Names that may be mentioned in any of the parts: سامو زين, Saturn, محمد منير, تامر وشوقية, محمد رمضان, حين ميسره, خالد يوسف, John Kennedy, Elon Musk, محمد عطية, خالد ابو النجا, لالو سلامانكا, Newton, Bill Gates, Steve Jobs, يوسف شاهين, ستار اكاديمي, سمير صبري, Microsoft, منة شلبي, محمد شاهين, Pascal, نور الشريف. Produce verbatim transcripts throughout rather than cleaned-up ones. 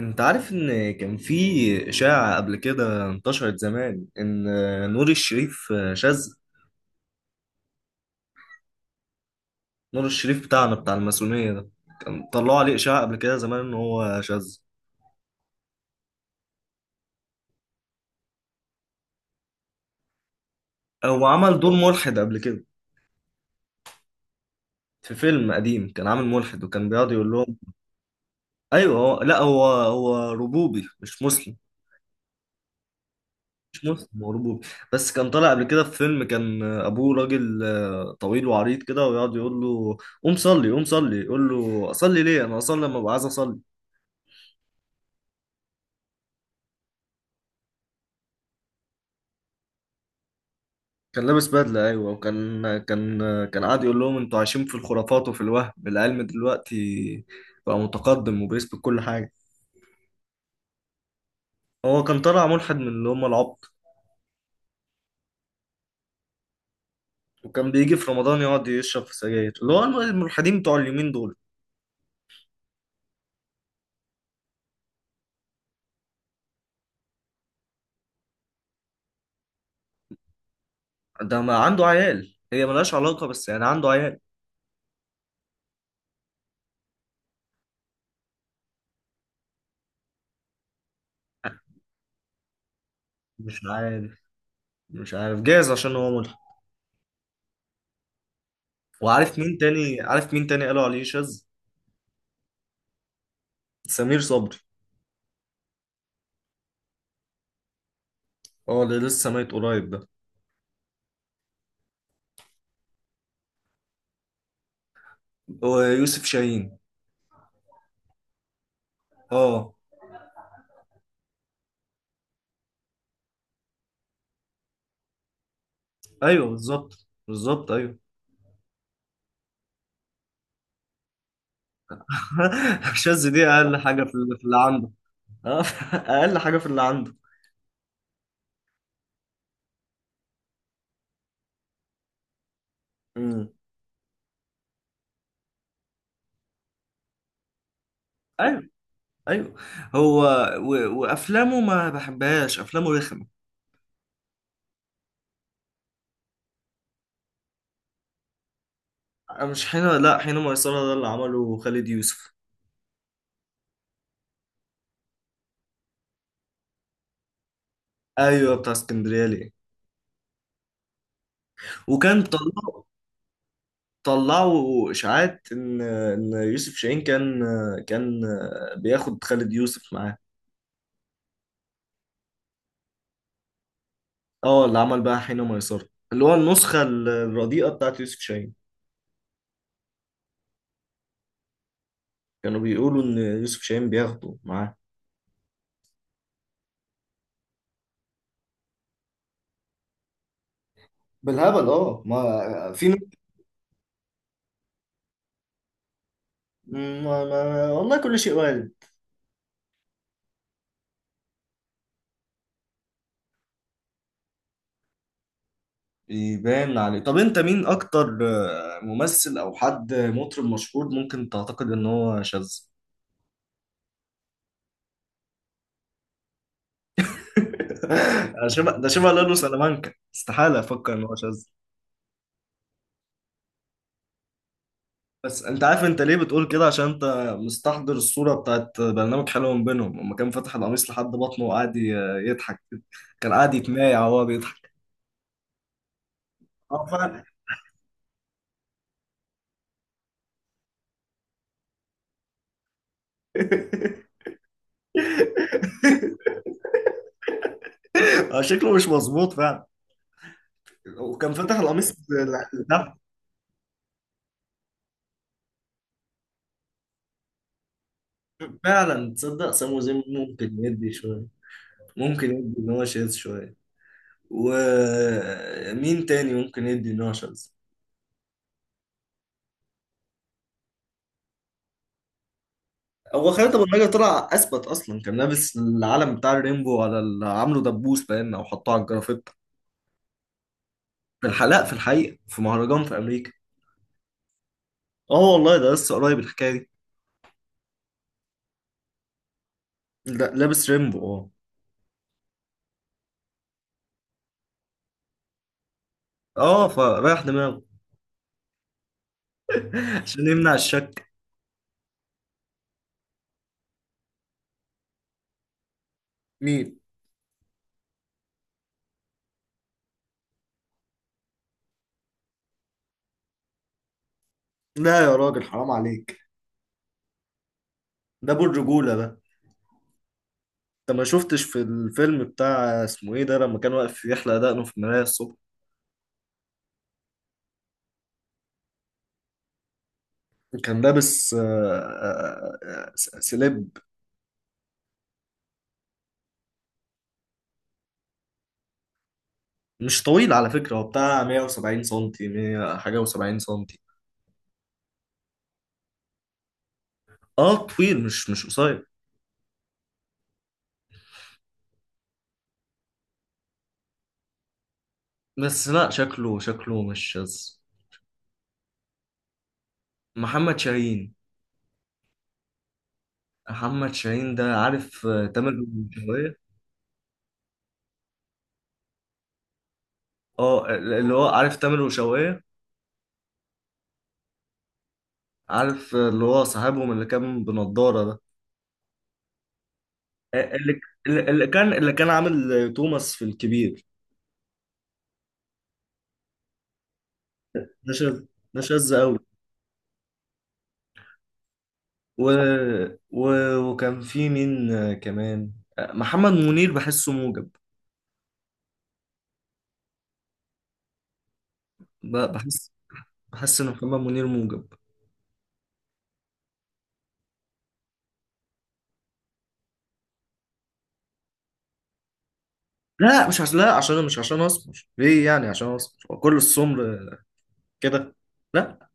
انت عارف ان كان في اشاعة قبل كده انتشرت زمان ان نور الشريف شاذ؟ نور الشريف بتاعنا بتاع الماسونية ده، كان طلعوا عليه اشاعة قبل كده زمان ان هو شاذ. هو عمل دور ملحد قبل كده في فيلم قديم، كان عامل ملحد وكان بيقعد يقول لهم. ايوه، هو، لا، هو هو ربوبي، مش مسلم. مش مسلم، هو ربوبي. بس كان طالع قبل كده في فيلم كان ابوه راجل، آه، طويل وعريض كده، ويقعد يقول له قوم صلي، قوم صلي، يقول له اصلي ليه، انا اصلي لما ابقى عايز اصلي. كان لابس بدلة، أيوة، وكان كان كان قاعد يقول لهم أنتوا عايشين في الخرافات وفي الوهم، العلم دلوقتي بقى متقدم وبيثبت كل حاجة. هو كان طالع ملحد من اللي هم العبط، وكان بيجي في رمضان يقعد يشرب في سجاير، اللي هو الملحدين بتوع اليومين دول. ده ما عنده عيال، هي ملهاش علاقة، بس يعني عنده عيال. مش عارف مش عارف، جايز عشان هو ملحد. وعارف مين تاني عارف مين تاني قالوا عليه شاذ؟ سمير صبري، اه اللي لسه ميت قريب ده. ويوسف شاهين. اه، ايوه بالظبط بالظبط، ايوه. الشاذ دي اقل حاجه في اللي في اللي عنده. اه. اقل حاجه في اللي عنده. امم ايوه، ايوه. هو و... وافلامه ما بحبهاش، افلامه رخمه. مش حين، لا، حين ميسره ده اللي عمله خالد يوسف. ايوه بتاع اسكندريه ليه. وكان طلعوا طلعوا اشاعات ان ان يوسف شاهين كان، كان بياخد خالد يوسف معاه. اه اللي عمل بقى حين ميسره، اللي هو النسخه الرديئه بتاعت يوسف شاهين. كانوا بيقولوا ان يوسف شاهين بياخده معاه. بالهبل، اه ما في. ما ما والله كل شيء وارد. يبان عليه. طب انت مين اكتر آه، ممثل او حد مطرب مشهور ممكن تعتقد ان هو شاذ؟ ده شبه ده شبه لالو سلامانكا، استحالة افكر ان هو شاذ. بس انت عارف انت ليه بتقول كده؟ عشان انت مستحضر الصورة بتاعت برنامج حلو من بينهم، لما كان فاتح القميص لحد بطنه وقعد ي- يضحك. كان قاعد يتمايع وهو بيضحك. اه فعلا. آه، شكله مش مظبوط فعلا، وكان فتح القميص لتحت. فعلا، تصدق سامو زين ممكن يدي شوية، ممكن يدي ان هو شاذ شوية. ومين تاني ممكن يدي ان هو شاذ؟ هو خالد ابو النجا طلع اثبت اصلا، كان لابس العلم بتاع الريمبو على ال- عامله دبوس باين، او حطه على الجرافيت. في الحلقة، في الحقيقة، في مهرجان في امريكا. اه والله ده لسه قريب الحكاية دي. لا، لابس ريمبو، اه. اه فرايح دماغه عشان يمنع الشك. مين؟ لا يا راجل حرام عليك، ده ابو الرجولة ده. انت ما شفتش في الفيلم بتاع اسمه ايه ده، لما كان واقف يحلق دقنه في المراية الصبح؟ كان لابس آه، آه، آه، سليب. مش طويل على فكرة، هو بتاع مية وسبعين سنتي، مية حاجة و70 سنتي. اه طويل، مش مش قصير. بس لا، شكله شكله مش شاذ. محمد شاهين. محمد شاهين ده، عارف آه، تامر وشوقية؟ اه اللي هو عارف تامر وشوقية. عارف آه، اللي هو صاحبهم اللي كان بنضارة ده؟ آه، اللي اللي اللي كان اللي كان عامل توماس في الكبير. ده شاذ، ده شاذ قوي. و... و... وكان في مين آه، كمان؟ آه، محمد منير بحسه موجب. ب- بحس بحس ان محمد منير موجب. لا مش عشان، لا، عشان مش عشان اسمر، ليه يعني عشان اسمر؟ هو كل السمر كده؟ لا.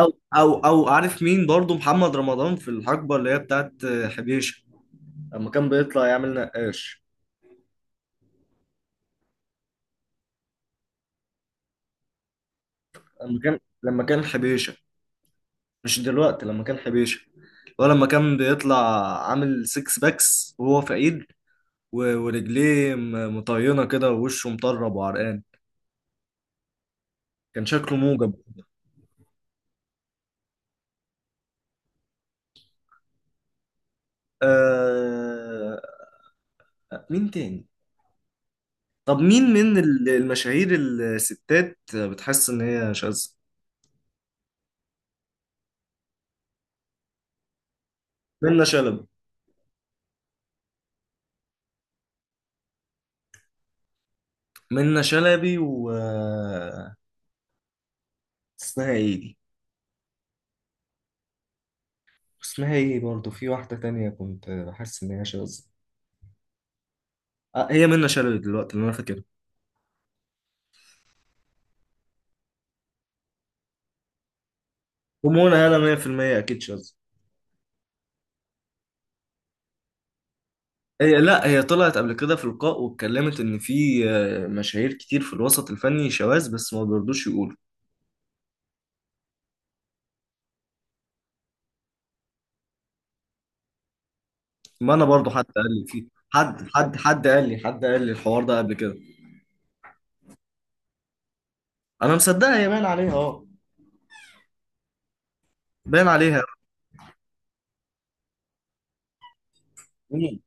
او او او عارف مين برضو؟ محمد رمضان في الحقبه اللي هي بتاعت آه، حبيشه، لما كان بيطلع يعمل نقاش. لما كان لما كان حبيشه، مش دلوقتي، لما كان حبيشه، ولا لما كان بيطلع عامل سيكس باكس وهو فقير، و- ورجليه م- مطينة كده، ووشه مطرب وعرقان، كان شكله موجب. آه... مين تاني؟ طب مين من ال- المشاهير الستات بتحس إن هي شاذة؟ منة شلبي. منة شلبي و اسمها ايه دي؟ اسمها ايه برضه، في واحدة تانية كنت بحس إن هي شاذة. آه هي منة شلبي دلوقتي اللي أنا فاكرها. ومنى هلا مية في المية أكيد شاذة. هي، لا، هي طلعت قبل كده في لقاء واتكلمت ان في آه، مشاهير كتير في الوسط الفني شواذ، بس ما بيرضوش يقولوا. ما انا برضو حد قال لي، فيه حد حد حد قال لي، حد قال لي الحوار ده قبل كده. انا مصدقها، هي باين عليها اه، باين عليها. مين؟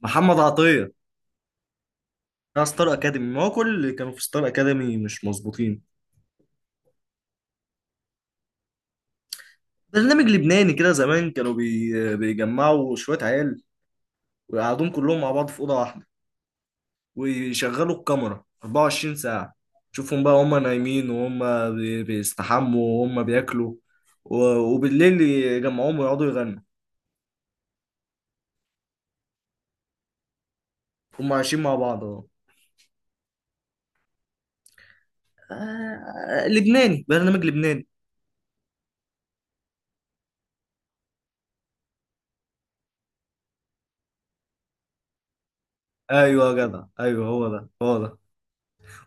محمد عطية بتاع ستار اكاديمي. ما هو كل اللي كانوا في ستار اكاديمي مش مظبوطين. برنامج لبناني كده زمان، كانوا بي... بيجمعوا شوية عيال، ويقعدوهم كلهم مع بعض في أوضة واحدة، ويشغلوا الكاميرا أربع وعشرين ساعة. شوفهم بقى هما نايمين، وهم بي- بيستحموا، وهم بياكلوا. و- وبالليل يجمعوهم، ويقعدوا يغنوا. هم عايشين مع بعض اهو. آه، لبناني، برنامج لبناني. ايوه يا جدع، ايوه، هو ده هو ده.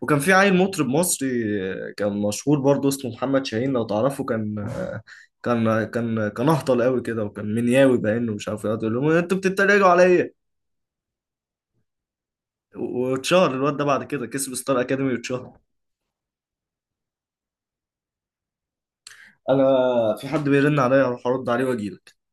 وكان في عيل مطرب مصري آه، كان مشهور برضه، اسمه محمد شاهين لو تعرفه. كان آه، كان كان كان اهطل قوي كده، وكان منياوي باينه، ومش عارف ايه، يقعد يقول لهم انتوا بتتريقوا عليا. واتشهر الواد ده بعد كده، كسب ستار اكاديمي واتشهر. انا، في حد بيرن عليا، هروح ارد عليه واجيلك.